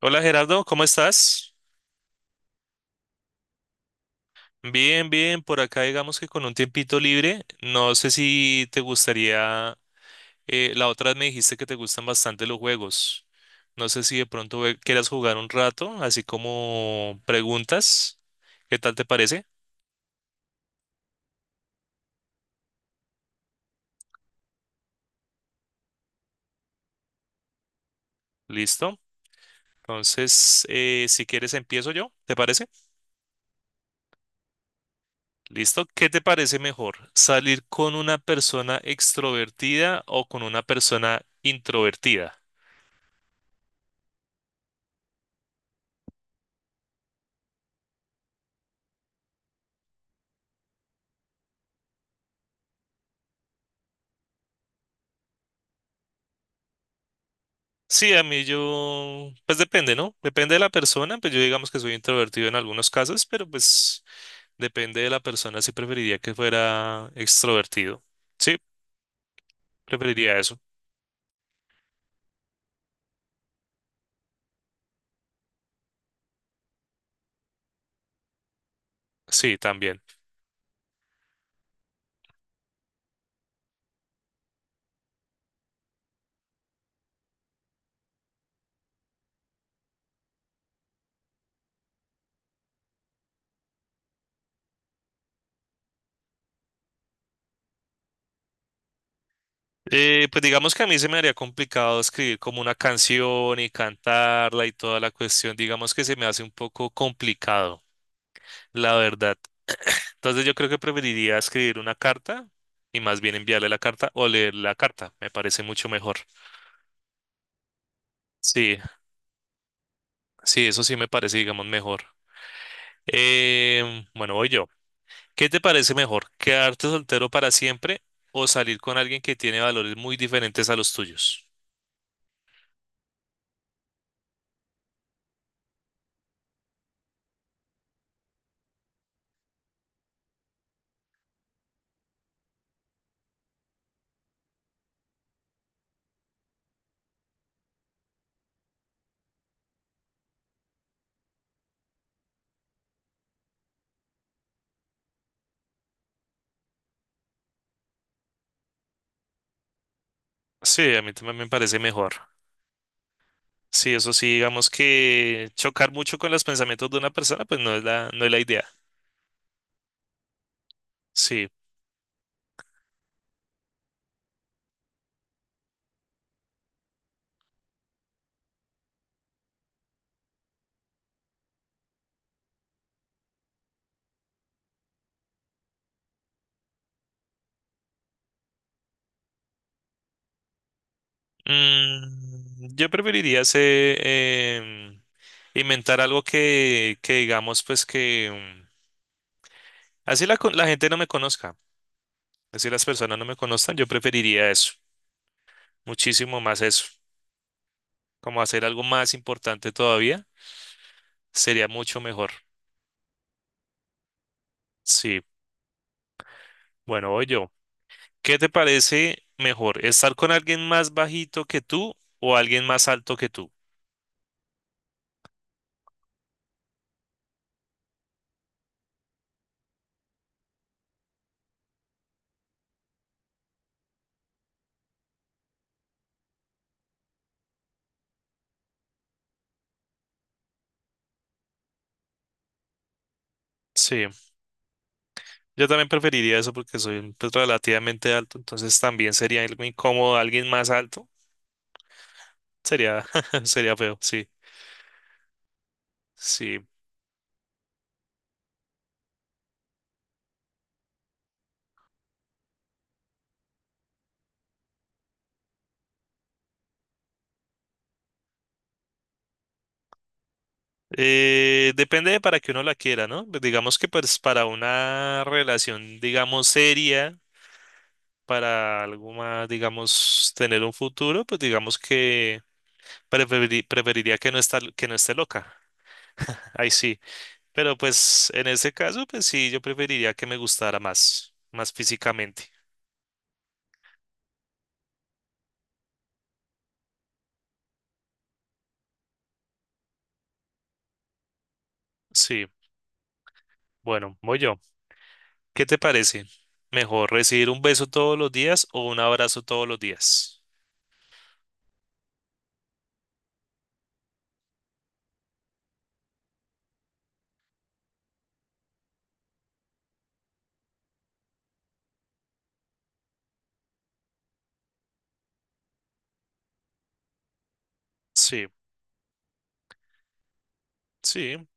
Hola Gerardo, ¿cómo estás? Bien, bien, por acá digamos que con un tiempito libre. No sé si te gustaría, la otra vez me dijiste que te gustan bastante los juegos. No sé si de pronto quieras jugar un rato, así como preguntas. ¿Qué tal te parece? Listo. Entonces, si quieres empiezo yo, ¿te parece? Listo. ¿Qué te parece mejor? ¿Salir con una persona extrovertida o con una persona introvertida? Sí, a mí yo, pues depende, ¿no? Depende de la persona, pues yo digamos que soy introvertido en algunos casos, pero pues depende de la persona si preferiría que fuera extrovertido. Sí, preferiría eso. Sí, también. Pues digamos que a mí se me haría complicado escribir como una canción y cantarla y toda la cuestión, digamos que se me hace un poco complicado, la verdad. Entonces yo creo que preferiría escribir una carta y más bien enviarle la carta o leer la carta. Me parece mucho mejor. Sí, sí, eso sí me parece, digamos, mejor. Bueno, voy yo. ¿Qué te parece mejor? ¿Quedarte soltero para siempre o salir con alguien que tiene valores muy diferentes a los tuyos? Sí, a mí también me parece mejor. Sí, eso sí, digamos que chocar mucho con los pensamientos de una persona, no es la idea. Sí. Mm, yo preferiría hacer, inventar algo que digamos, pues que mm, la gente no me conozca, así las personas no me conozcan, yo preferiría eso, muchísimo más eso, como hacer algo más importante todavía, sería mucho mejor. Sí, bueno, voy yo. ¿Qué te parece mejor, estar con alguien más bajito que tú o alguien más alto que tú? Sí, yo también preferiría eso porque soy pues, relativamente alto, entonces también sería algo incómodo alguien más alto. Sería, sería feo, sí, sí. Depende de para que uno la quiera, ¿no? Pues digamos que pues para una relación, digamos, seria, para algo más, digamos, tener un futuro, pues digamos que preferiría que no esté loca. Ahí sí. Pero pues en ese caso, pues sí, yo preferiría que me gustara más, más físicamente. Sí, bueno, voy yo. ¿Qué te parece? ¿Mejor recibir un beso todos los días o un abrazo todos los días? Sí. Sí.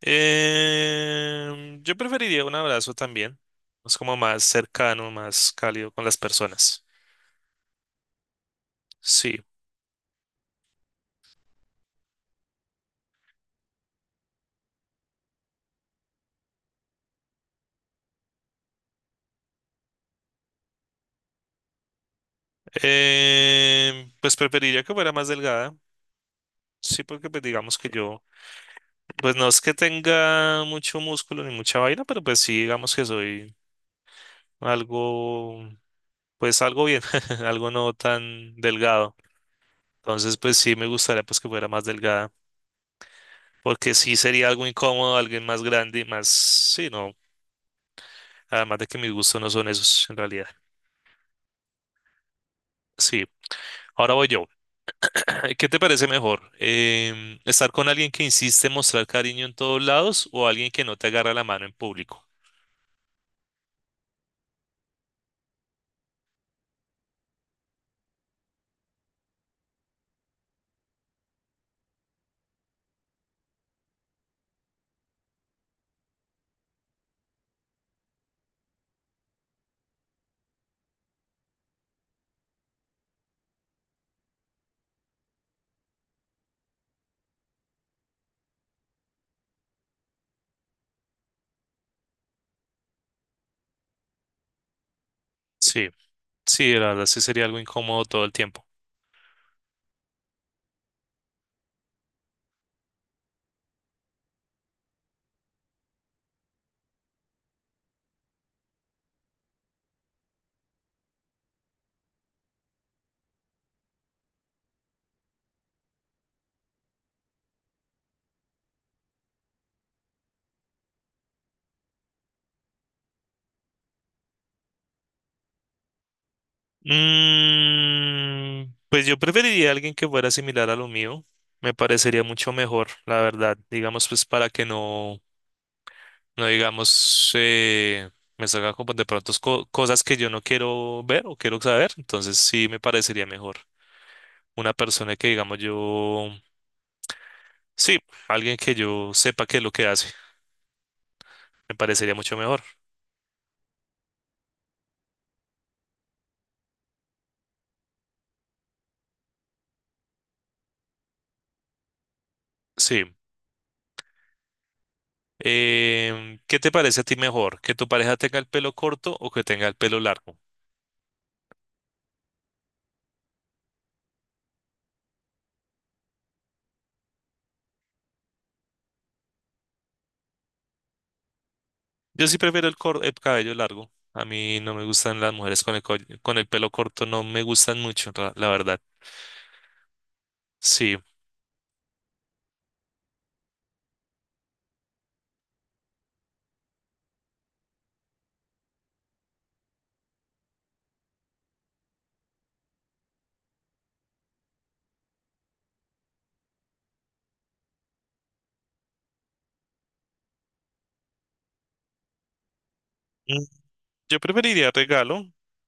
Em, yo preferiría un abrazo también. Es como más cercano, más cálido con las personas. Sí. Em, pues preferiría que fuera más delgada. Sí, porque pues digamos que yo, pues no es que tenga mucho músculo ni mucha vaina, pero pues sí, digamos que soy algo, pues algo bien, algo no tan delgado. Entonces, pues sí me gustaría pues que fuera más delgada, porque sí sería algo incómodo, alguien más grande y más, sí, no, además de que mis gustos no son esos en realidad. Sí, ahora voy yo. ¿Qué te parece mejor? ¿Estar con alguien que insiste en mostrar cariño en todos lados o alguien que no te agarra la mano en público? Sí, sí, la verdad sí sería algo incómodo todo el tiempo. Mm, pues yo preferiría a alguien que fuera similar a lo mío. Me parecería mucho mejor, la verdad. Digamos, pues para que no, no digamos, me salga como de pronto cosas que yo no quiero ver o quiero saber. Entonces sí me parecería mejor. Una persona que digamos yo, sí, alguien que yo sepa qué es lo que hace, me parecería mucho mejor. Sí. Em, ¿qué te parece a ti mejor? ¿Que tu pareja tenga el pelo corto o que tenga el pelo largo? Yo sí prefiero el cabello largo. A mí no me gustan las mujeres con con el pelo corto, no me gustan mucho, la verdad. Sí. Mm, yo preferiría regalo.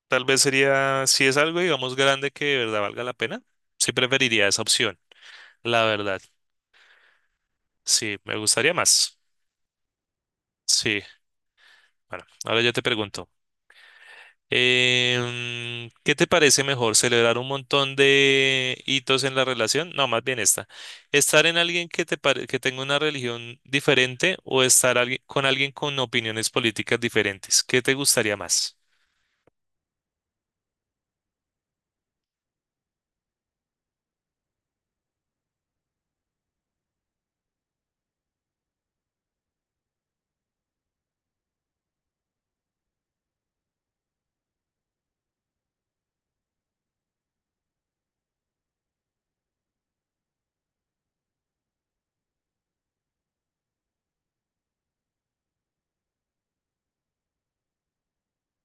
Tal vez sería, si es algo, digamos, grande que de verdad valga la pena, sí preferiría esa opción, la verdad. Sí, me gustaría más. Sí. Bueno, ahora yo te pregunto, em, ¿qué te parece mejor? ¿Celebrar un montón de hitos en la relación? No, más bien esta. ¿Estar en alguien que tenga una religión diferente o estar con alguien con opiniones políticas diferentes? ¿Qué te gustaría más?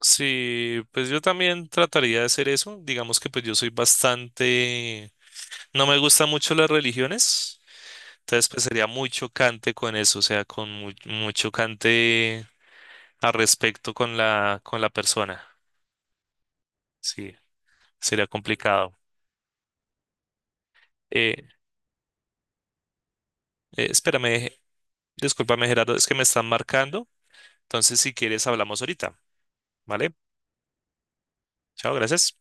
Sí, pues yo también trataría de hacer eso. Digamos que pues yo soy bastante, no me gustan mucho las religiones, entonces pues sería muy chocante con eso, o sea, con muy, muy chocante. Al respecto con con la persona. Sí, sería complicado. Eh, espérame, discúlpame, Gerardo, es que me están marcando. Entonces, si quieres, hablamos ahorita, ¿vale? Chao, gracias.